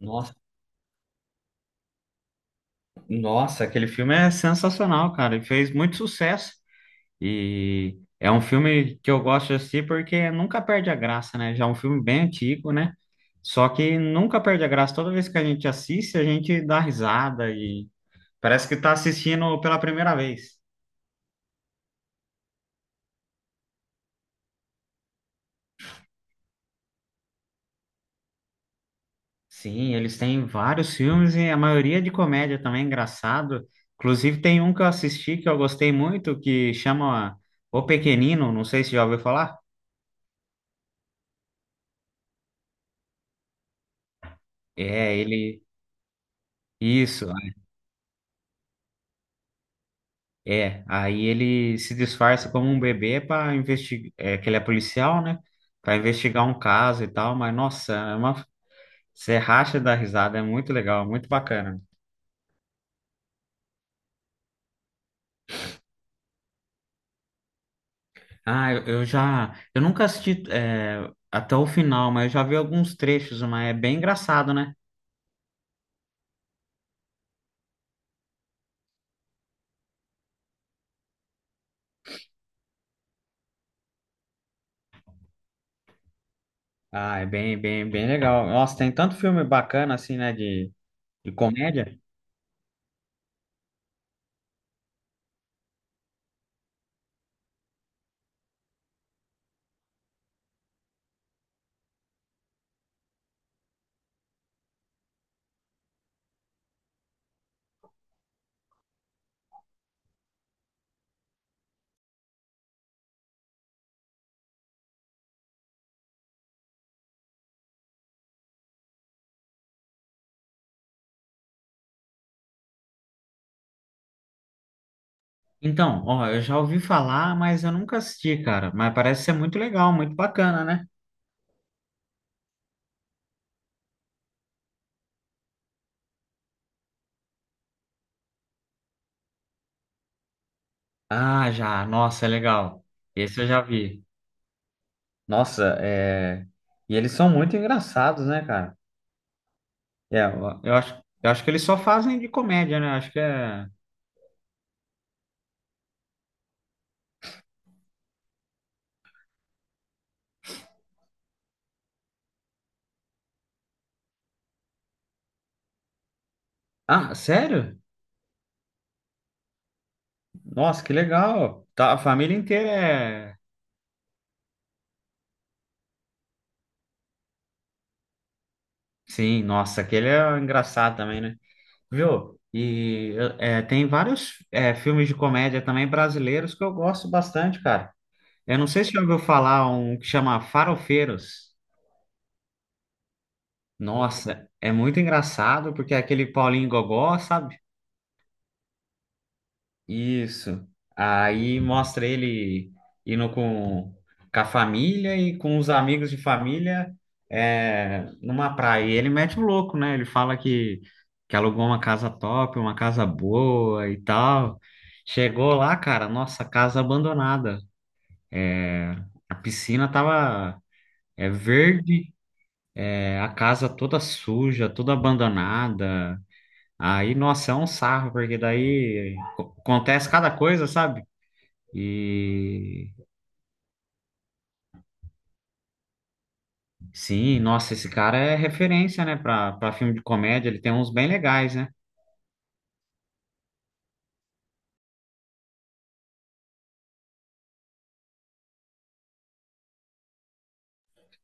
Nossa, nossa, aquele filme é sensacional, cara. E fez muito sucesso. E é um filme que eu gosto de assistir porque nunca perde a graça, né? Já é um filme bem antigo, né? Só que nunca perde a graça. Toda vez que a gente assiste, a gente dá risada e parece que tá assistindo pela primeira vez. Sim, eles têm vários filmes e a maioria de comédia também, engraçado. Inclusive, tem um que eu assisti que eu gostei muito, que chama O Pequenino, não sei se já ouviu falar. É, ele. Isso. É, aí ele se disfarça como um bebê para investigar, que ele é policial, né? Para investigar um caso e tal, mas nossa, é uma você racha da risada, é muito legal, é muito bacana. Ah, eu já, eu nunca assisti até o final, mas eu já vi alguns trechos, mas é bem engraçado, né? Ah, é bem, bem, bem legal. Nossa, tem tanto filme bacana assim, né, de comédia. Então, ó, eu já ouvi falar, mas eu nunca assisti, cara. Mas parece ser muito legal, muito bacana, né? Ah, já. Nossa, é legal. Esse eu já vi. Nossa, é... E eles são muito engraçados, né, cara? É, eu acho, eu acho que eles só fazem de comédia, né? Eu acho que é... Ah, sério? Nossa, que legal. Tá, a família inteira é... Sim, nossa, aquele é engraçado também, né? Viu? E é, tem vários filmes de comédia também brasileiros que eu gosto bastante, cara. Eu não sei se você já ouviu falar um que chama Farofeiros. Nossa, é muito engraçado porque é aquele Paulinho Gogó, sabe? Isso. Aí mostra ele indo com a família e com os amigos de família numa praia. E ele mete o louco, né? Ele fala que alugou uma casa top, uma casa boa e tal. Chegou lá, cara, nossa, casa abandonada. A piscina tava verde, a casa toda suja, toda abandonada. Aí, nossa, é um sarro, porque daí acontece cada coisa, sabe? E sim, nossa, esse cara é referência, né, pra, pra filme de comédia, ele tem uns bem legais, né?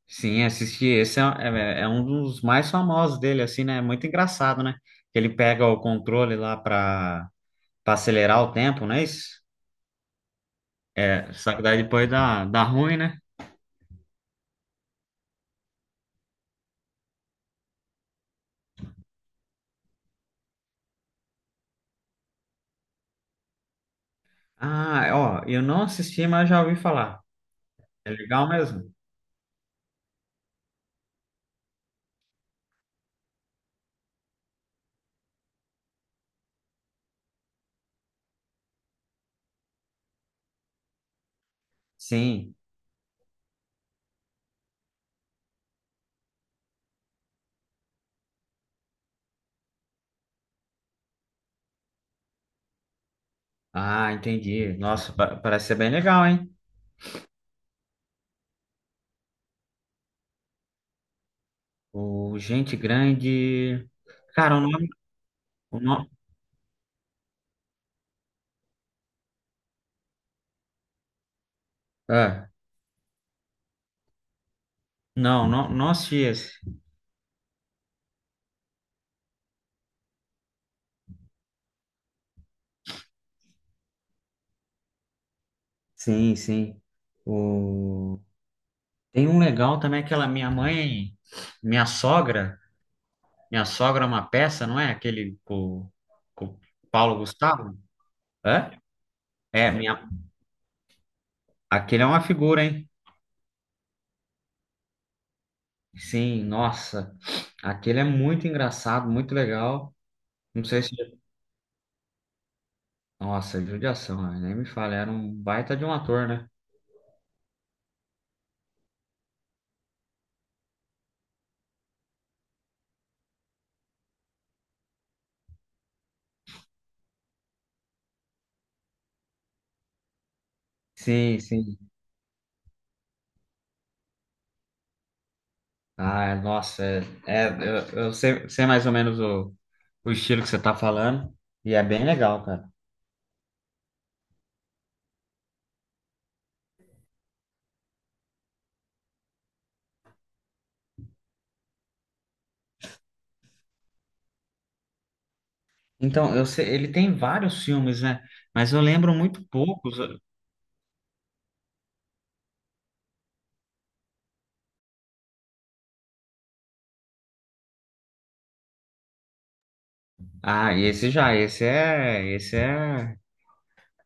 Sim, assisti, esse é, é um dos mais famosos dele, assim, né? É muito engraçado, né? Que ele pega o controle lá pra, pra acelerar o tempo, não é isso? É, só que daí depois dá, dá ruim, né? Ah, ó, eu não assisti, mas já ouvi falar. É legal mesmo? Sim. Ah, entendi. Nossa, parece ser bem legal, hein? O Gente Grande. Cara, o nome. O no... Ah, não, no... Nossos Dias. Sim, sim. O... Tem um legal também, aquela minha mãe, minha sogra. Minha sogra é uma peça, não é? Aquele com o Paulo Gustavo? É. É, minha... aquele é uma figura, hein? Sim, nossa. Aquele é muito engraçado, muito legal. Não sei se. Nossa, é judiação, né? Nem me fala. Era um baita de um ator, né? Sim, sim. Ah, nossa, é, é, eu sei, sei mais ou menos o estilo que você tá falando, e é bem legal, cara. Então, eu sei, ele tem vários filmes, né? Mas eu lembro muito poucos. Ah, esse já, esse é, esse é,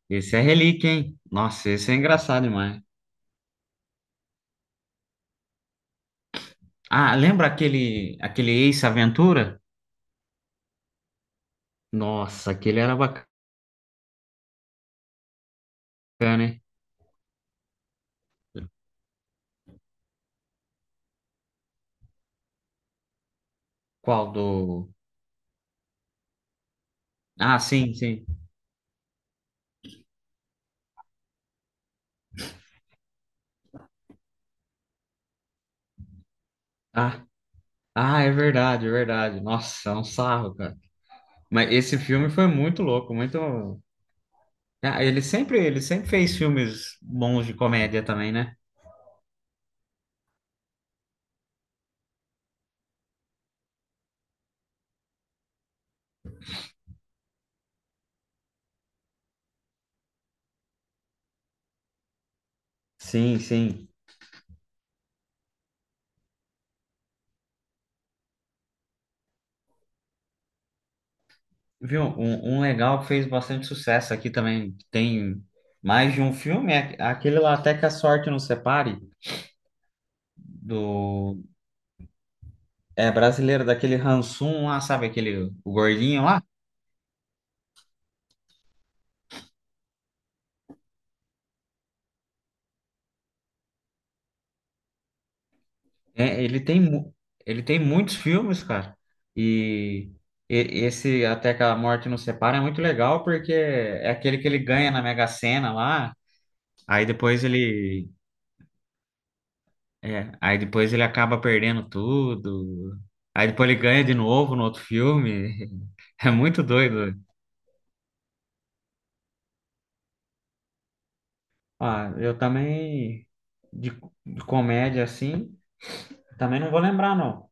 esse é relíquia, hein? Nossa, esse é engraçado demais. Ah, lembra aquele, aquele Ace Aventura? Nossa, aquele era bacana, hein? Qual do... Ah, sim, sim. Ah, ah, é verdade, é verdade. Nossa, é um sarro, cara. Mas esse filme foi muito louco, muito. Ah, ele sempre fez filmes bons de comédia também, né? Sim, sim. Viu? Um legal que fez bastante sucesso aqui também. Que tem mais de um filme, é aquele lá Até que a Sorte Nos Separe, do. É brasileiro, daquele Hansum lá, sabe? Aquele o gordinho lá. É, ele tem, ele tem muitos filmes, cara. E. Esse Até que a Morte Nos Separe é muito legal porque é aquele que ele ganha na Mega Sena lá. Aí depois ele, é, aí depois ele acaba perdendo tudo. Aí depois ele ganha de novo no outro filme. É muito doido. Ah, eu também de, de comédia assim, também não vou lembrar não.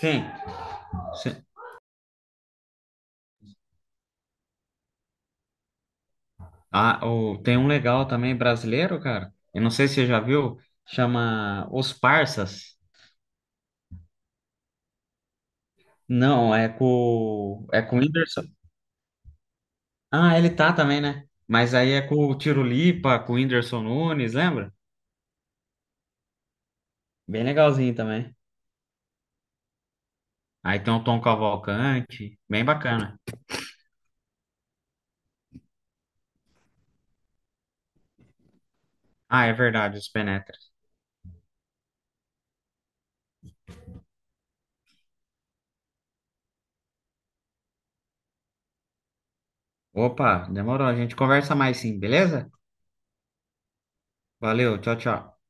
Sim. se- Ah, o, tem um legal também brasileiro, cara. Eu não sei se você já viu, chama Os Parsas. Não, é com o Whindersson. Ah, ele tá também, né? Mas aí é com o Tiro Lipa, com o Whindersson Nunes, lembra? Bem legalzinho também. Aí tem o Tom Cavalcante, bem bacana. Ah, é verdade, os Penetras. Opa, demorou. A gente conversa mais sim, beleza? Valeu, tchau, tchau.